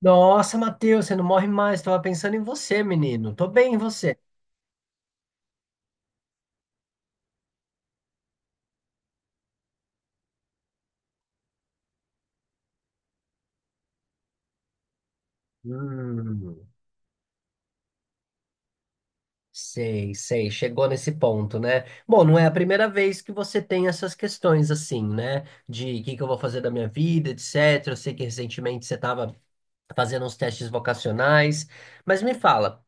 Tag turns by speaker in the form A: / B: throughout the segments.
A: Nossa, Matheus, você não morre mais. Tava pensando em você, menino. Tô bem, e você? Hum, sei, sei. Chegou nesse ponto, né? Bom, não é a primeira vez que você tem essas questões assim, né? De o que que eu vou fazer da minha vida, etc. Eu sei que recentemente você tava fazendo uns testes vocacionais, mas me fala,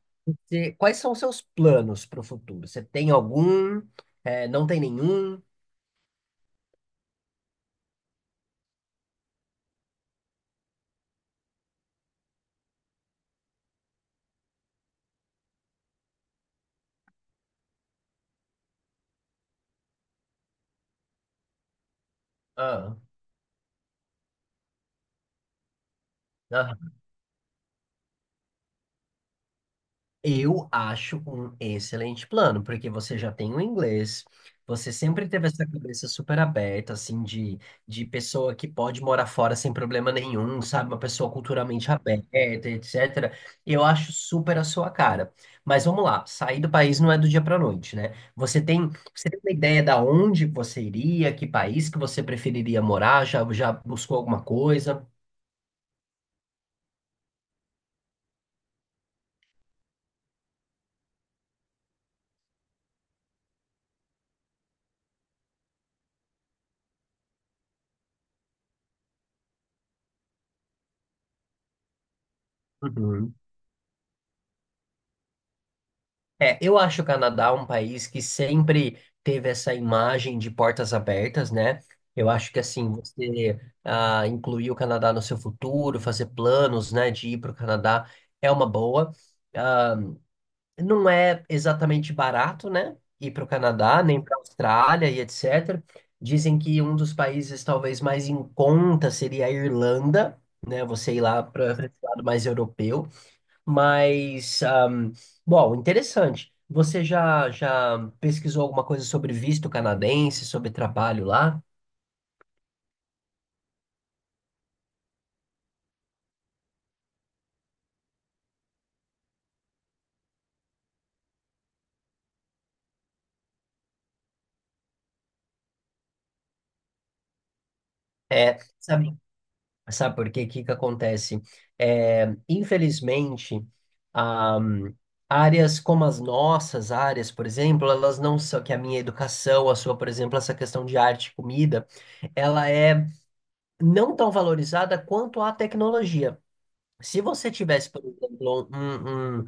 A: você- quais são os seus planos para o futuro? Você tem algum? É, não tem nenhum? Ah, Eu acho um excelente plano, porque você já tem o inglês, você sempre teve essa cabeça super aberta, assim, de pessoa que pode morar fora sem problema nenhum, sabe? Uma pessoa culturalmente aberta, etc. Eu acho super a sua cara. Mas vamos lá, sair do país não é do dia para noite, né? Você tem uma ideia da onde você iria, que país que você preferiria morar? Já, já buscou alguma coisa? É, eu acho o Canadá um país que sempre teve essa imagem de portas abertas, né? Eu acho que assim, você incluir o Canadá no seu futuro, fazer planos, né, de ir para o Canadá é uma boa. Ah, não é exatamente barato, né, ir para o Canadá, nem para a Austrália e etc. Dizem que um dos países talvez mais em conta seria a Irlanda, né? Você ir lá para esse lado mais europeu. Mas, bom, interessante. Você já, já pesquisou alguma coisa sobre visto canadense, sobre trabalho lá? É, sabe por quê? O que que acontece? É, infelizmente, ahm, áreas como as nossas áreas, por exemplo, elas não são, que a minha educação, a sua, por exemplo, essa questão de arte e comida, ela é não tão valorizada quanto a tecnologia. Se você tivesse, por exemplo, um,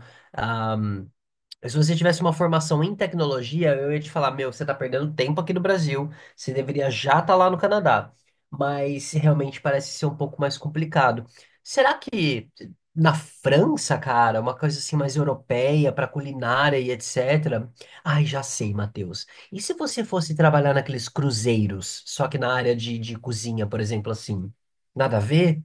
A: Mas se você tivesse uma formação em tecnologia, eu ia te falar, meu, você está perdendo tempo aqui no Brasil, você deveria já estar lá no Canadá. Mas realmente parece ser um pouco mais complicado. Será que na França, cara, uma coisa assim mais europeia, para culinária e etc. Ai, já sei, Matheus. E se você fosse trabalhar naqueles cruzeiros, só que na área de cozinha, por exemplo, assim? Nada a ver?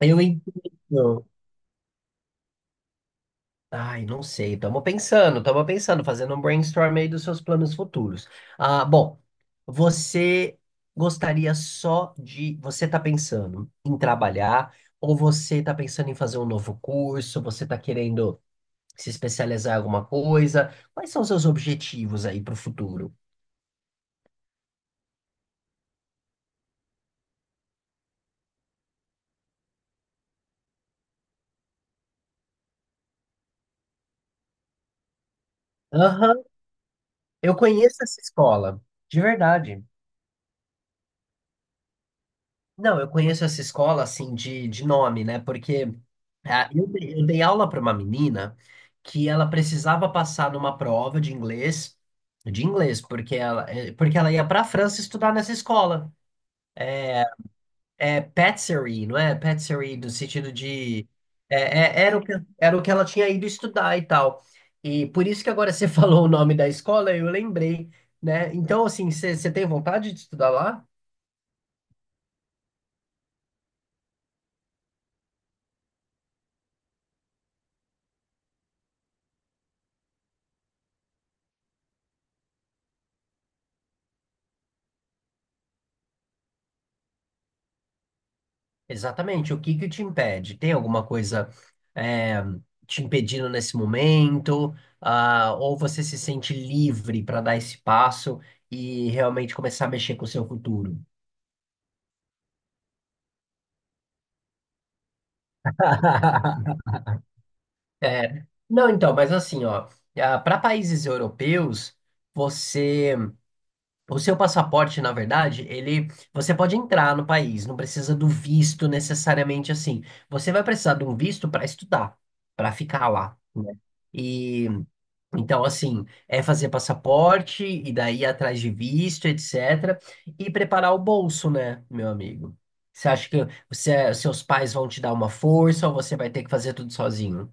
A: Eu entendo. Ai, não sei. Estamos pensando, fazendo um brainstorm aí dos seus planos futuros. Ah, bom, você gostaria só de. Você está pensando em trabalhar, ou você está pensando em fazer um novo curso, você está querendo se especializar em alguma coisa? Quais são os seus objetivos aí para o futuro? Aham, eu conheço essa escola, de verdade. Não, eu conheço essa escola assim de nome, né? Porque eu dei aula para uma menina que ela precisava passar numa prova de inglês, porque ela, porque ela ia para a França estudar nessa escola. É patisserie, não é? Patisserie no sentido de era o que ela tinha ido estudar e tal. E por isso que agora você falou o nome da escola, eu lembrei, né? Então, assim, você tem vontade de estudar lá? Exatamente. O que que te impede? Tem alguma coisa é, te impedindo nesse momento? Ah, ou você se sente livre para dar esse passo e realmente começar a mexer com o seu futuro? É, não, então, mas assim, ó, para países europeus, você, o seu passaporte, na verdade, ele, você pode entrar no país, não precisa do visto necessariamente assim. Você vai precisar de um visto para estudar, para ficar lá, né? E então, assim, é fazer passaporte e daí ir atrás de visto, etc. E preparar o bolso, né, meu amigo? Você acha que você- seus pais vão te dar uma força ou você vai ter que fazer tudo sozinho?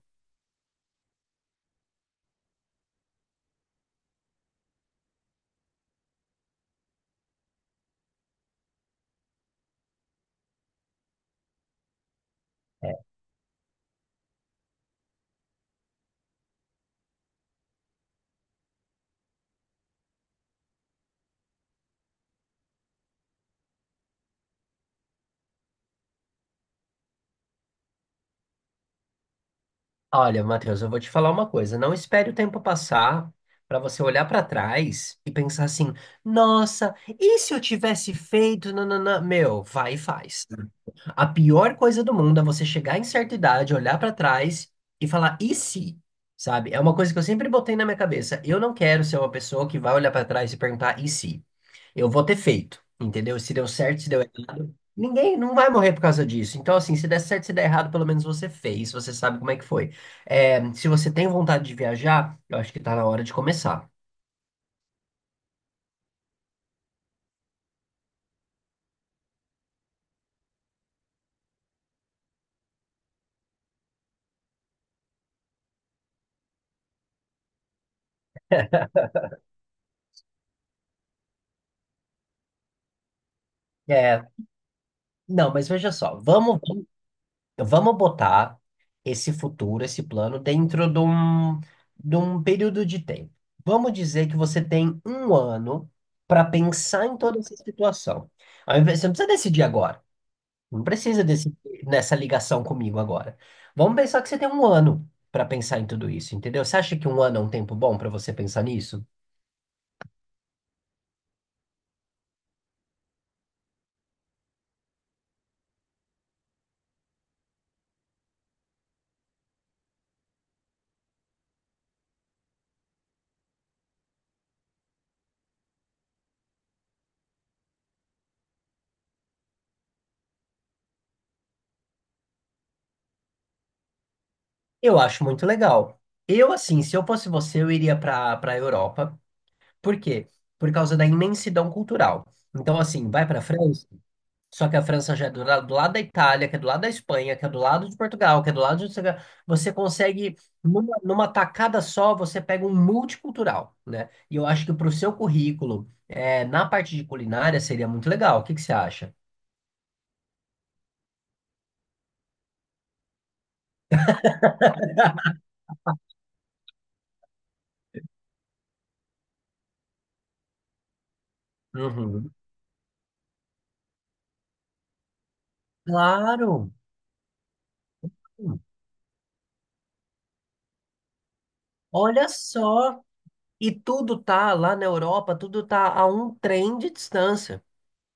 A: Olha, Matheus, eu vou te falar uma coisa. Não espere o tempo passar para você olhar para trás e pensar assim: nossa, e se eu tivesse feito? Nananã? Meu, vai e faz. A pior coisa do mundo é você chegar em certa idade, olhar pra trás e falar, e se? Sabe? É uma coisa que eu sempre botei na minha cabeça. Eu não quero ser uma pessoa que vai olhar pra trás e perguntar, e se? Eu vou ter feito, entendeu? Se deu certo, se deu errado. Ninguém não vai morrer por causa disso. Então, assim, se der certo, se der errado, pelo menos você fez, você sabe como é que foi. É, se você tem vontade de viajar, eu acho que tá na hora de começar. É, não, mas veja só, vamos. Vamos botar esse futuro, esse plano, dentro de um período de tempo. Vamos dizer que você tem um ano para pensar em toda essa situação. Ao invés- Você não precisa decidir agora. Não precisa decidir nessa ligação comigo agora. Vamos pensar que você tem um ano para pensar em tudo isso, entendeu? Você acha que um ano é um tempo bom para você pensar nisso? Eu acho muito legal. Eu, assim, se eu fosse você, eu iria para a Europa. Por quê? Por causa da imensidão cultural. Então, assim, vai para a França. Só que a França já é do, do lado da Itália, que é do lado da Espanha, que é do lado de Portugal, que é do lado de... Você consegue, numa tacada só, você pega um multicultural, né? E eu acho que para o seu currículo, é, na parte de culinária, seria muito legal. O que que você acha? Uhum. Claro! Olha só! E tudo tá lá na Europa, tudo tá a um trem de distância,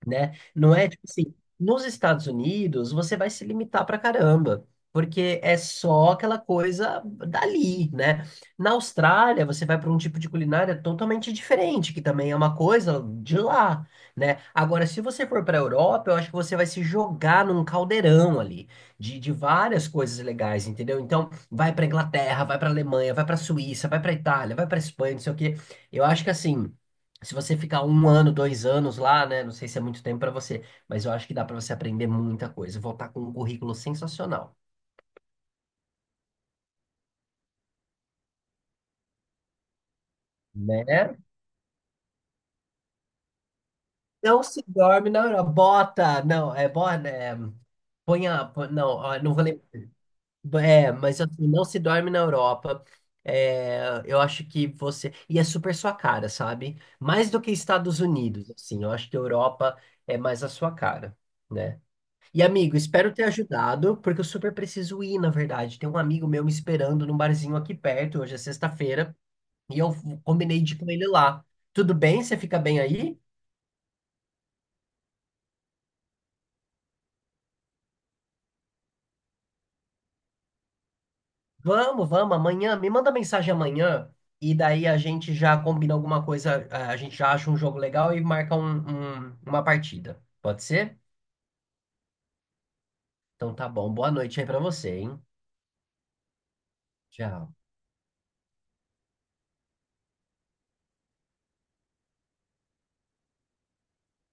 A: né? Não é tipo assim, nos Estados Unidos você vai se limitar pra caramba, porque é só aquela coisa dali, né? Na Austrália você vai para um tipo de culinária totalmente diferente, que também é uma coisa de lá, né? Agora, se você for para a Europa, eu acho que você vai se jogar num caldeirão ali de várias coisas legais, entendeu? Então, vai para Inglaterra, vai para Alemanha, vai para Suíça, vai para Itália, vai para Espanha, não sei o quê. Eu acho que assim. Se você ficar um ano, dois anos lá, né? Não sei se é muito tempo para você, mas eu acho que dá para você aprender muita coisa. Voltar com um currículo sensacional, né? Não se dorme na Europa. Bota, não, é bota, é, põe a, põe- não, ó, não vou lembrar. É, mas assim, não se dorme na Europa. É, eu acho que você. E é super sua cara, sabe? Mais do que Estados Unidos, assim. Eu acho que a Europa é mais a sua cara, né? E amigo, espero ter ajudado, porque eu super preciso ir, na verdade. Tem um amigo meu me esperando num barzinho aqui perto, hoje é sexta-feira, e eu combinei de ir com ele lá. Tudo bem? Você fica bem aí? Vamos, vamos, amanhã. Me manda mensagem amanhã, e daí a gente já combina alguma coisa, a gente já acha um jogo legal e marca uma partida. Pode ser? Então tá bom. Boa noite aí pra você, hein? Tchau.